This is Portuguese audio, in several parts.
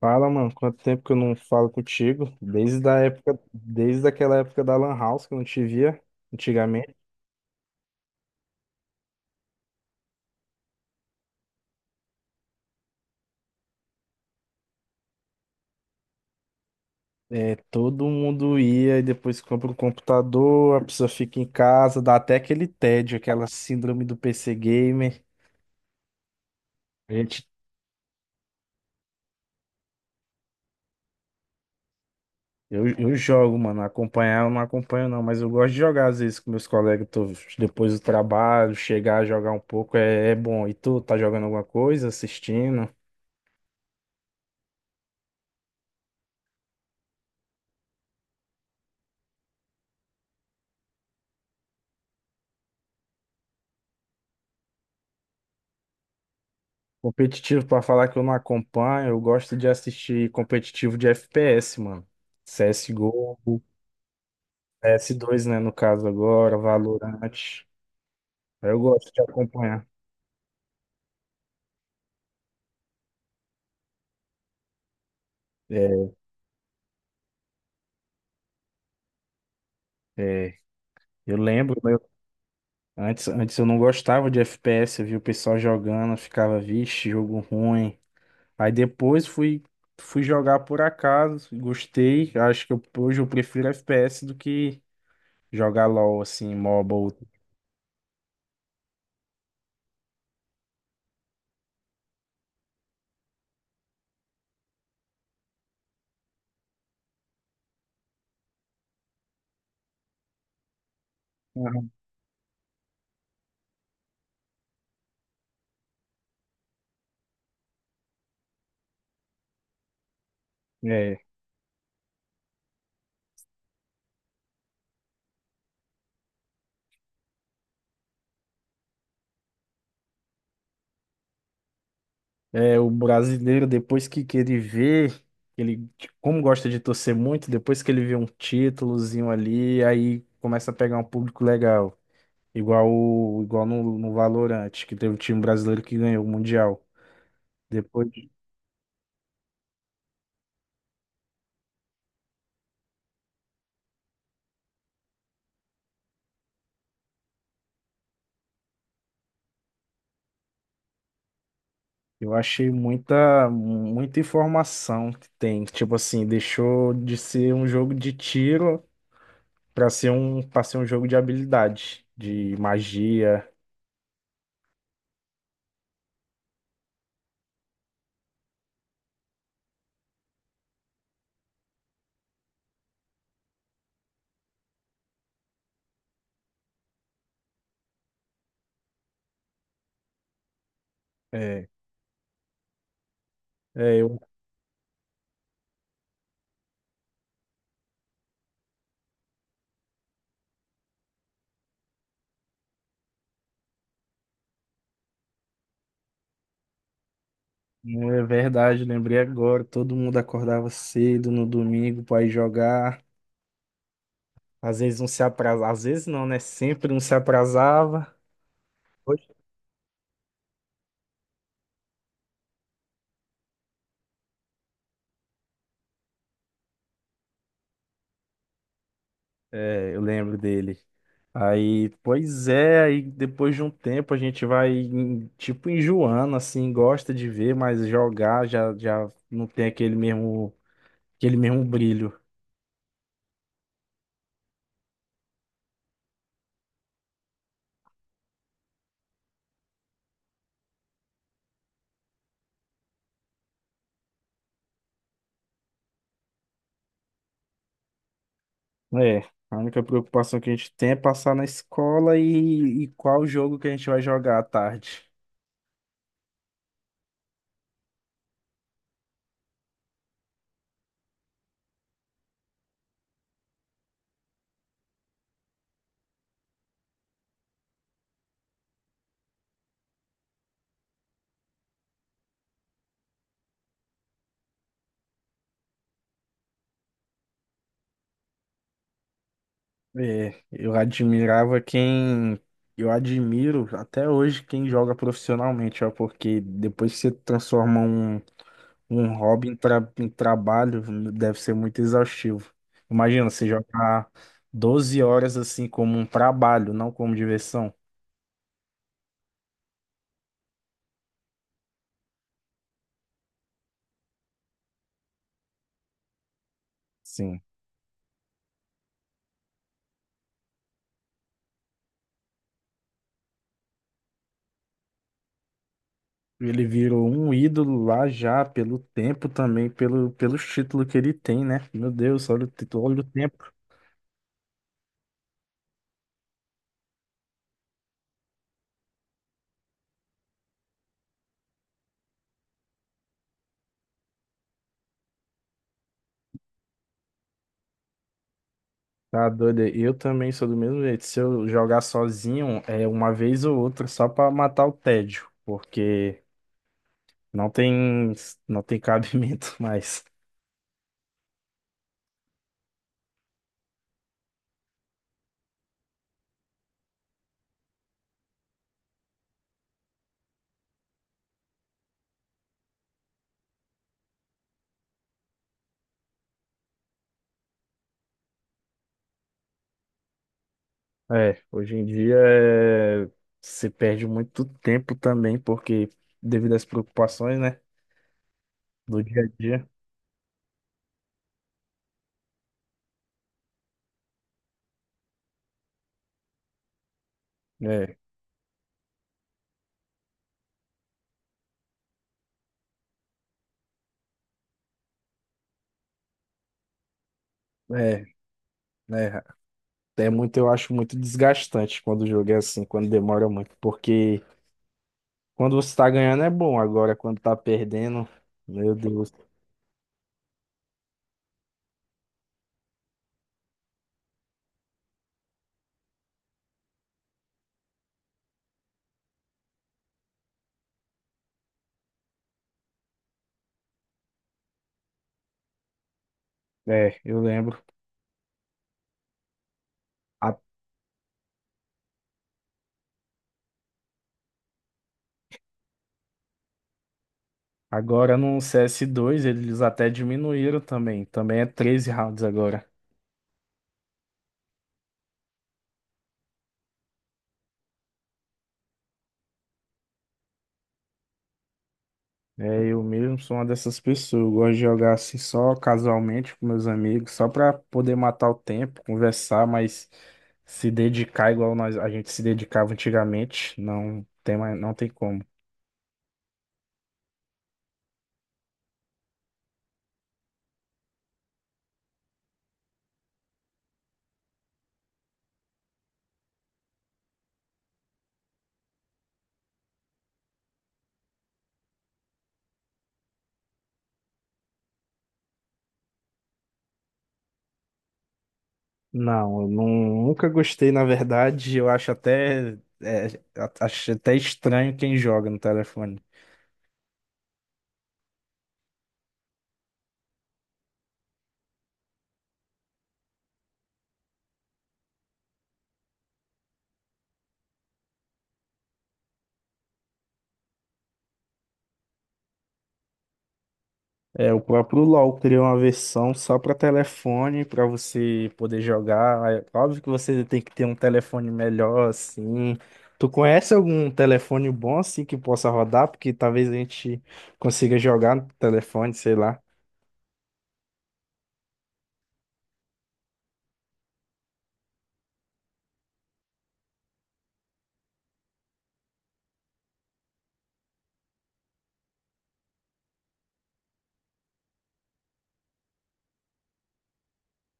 Fala, mano, quanto tempo que eu não falo contigo? Desde a época, desde aquela época da Lan House que eu não te via antigamente. É, todo mundo ia e depois compra um computador, a pessoa fica em casa, dá até aquele tédio, aquela síndrome do PC gamer. A gente, eu jogo, mano, acompanhar eu não acompanho não, mas eu gosto de jogar às vezes com meus colegas, depois do trabalho, chegar a jogar um pouco é bom. E tu, tá jogando alguma coisa, assistindo? Competitivo, pra falar que eu não acompanho, eu gosto de assistir competitivo de FPS, mano. CSGO, G O, PS2, né, no caso agora, Valorant. Eu gosto de acompanhar. É, é, eu lembro, antes eu não gostava de FPS, eu via o pessoal jogando, eu ficava, vixe, jogo ruim. Aí fui jogar por acaso, gostei. Acho que hoje eu prefiro FPS do que jogar LOL, assim, MOBA. Aham. É. O brasileiro, depois que ele vê, ele, como gosta de torcer muito, depois que ele vê um títulozinho ali, aí começa a pegar um público legal. Igual, o- igual no, no Valorant, que teve um time brasileiro que ganhou o Mundial. Depois, eu achei muita, muita informação que tem. Tipo assim, deixou de ser um jogo de tiro para ser um jogo de habilidade, de magia. É, é, não é verdade, lembrei agora. Todo mundo acordava cedo no domingo para ir jogar. Às vezes não se atrasava, às vezes não, né? Sempre não se atrasava. Pois. É, eu lembro dele. Aí, pois é, aí depois de um tempo a gente vai, tipo, enjoando, assim, gosta de ver, mas jogar já, já não tem aquele mesmo brilho. É, a única preocupação que a gente tem é passar na escola e qual jogo que a gente vai jogar à tarde. É, eu admirava quem. Eu admiro até hoje quem joga profissionalmente, ó, porque depois que você transforma um hobby em, em trabalho, deve ser muito exaustivo. Imagina, você jogar 12 horas assim como um trabalho, não como diversão. Sim. Ele virou um ídolo lá já, pelo tempo também, pelos títulos que ele tem, né? Meu Deus, olha o título, olha o tempo. Tá doido? Eu também sou do mesmo jeito. Se eu jogar sozinho, é uma vez ou outra só pra matar o tédio, porque não tem não tem cabimento mais. É, hoje em dia é, se perde muito tempo também, porque devido às preocupações, né, do dia a dia. É, é, né, é muito, eu acho muito desgastante quando o jogo é assim, quando demora muito, porque quando você tá ganhando é bom, agora quando tá perdendo, meu Deus. É, eu lembro. Agora no CS2 eles até diminuíram também. Também é 13 rounds agora. É, eu mesmo sou uma dessas pessoas. Eu gosto de jogar assim só casualmente com meus amigos, só pra poder matar o tempo, conversar, mas se dedicar igual nós, a gente se dedicava antigamente, não tem mais, não tem como. Não, eu não, nunca gostei, na verdade. Eu acho até, acho até estranho quem joga no telefone. É, o próprio LoL criou uma versão só para telefone, para você poder jogar. É óbvio que você tem que ter um telefone melhor, assim. Tu conhece algum telefone bom, assim, que possa rodar? Porque talvez a gente consiga jogar no telefone, sei lá.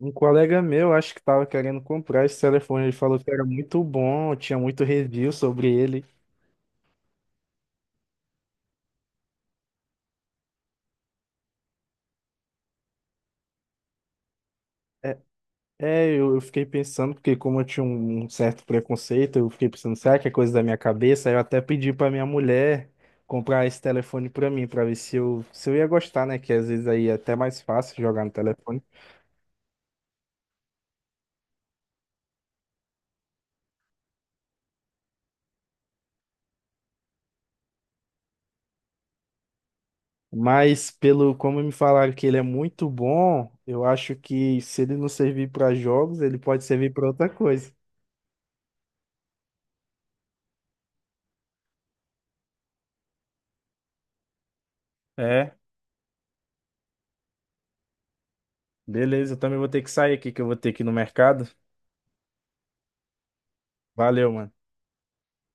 Um colega meu, acho que estava querendo comprar esse telefone, ele falou que era muito bom, tinha muito review sobre ele. É, eu fiquei pensando, porque como eu tinha um certo preconceito, eu fiquei pensando, será que é coisa da minha cabeça? Aí eu até pedi pra minha mulher comprar esse telefone pra mim, pra ver se eu, se eu ia gostar, né? Que às vezes aí é até mais fácil jogar no telefone. Mas pelo como me falaram que ele é muito bom, eu acho que se ele não servir pra jogos, ele pode servir pra outra coisa. É, beleza, eu também vou ter que sair aqui, que eu vou ter que ir no mercado. Valeu, mano.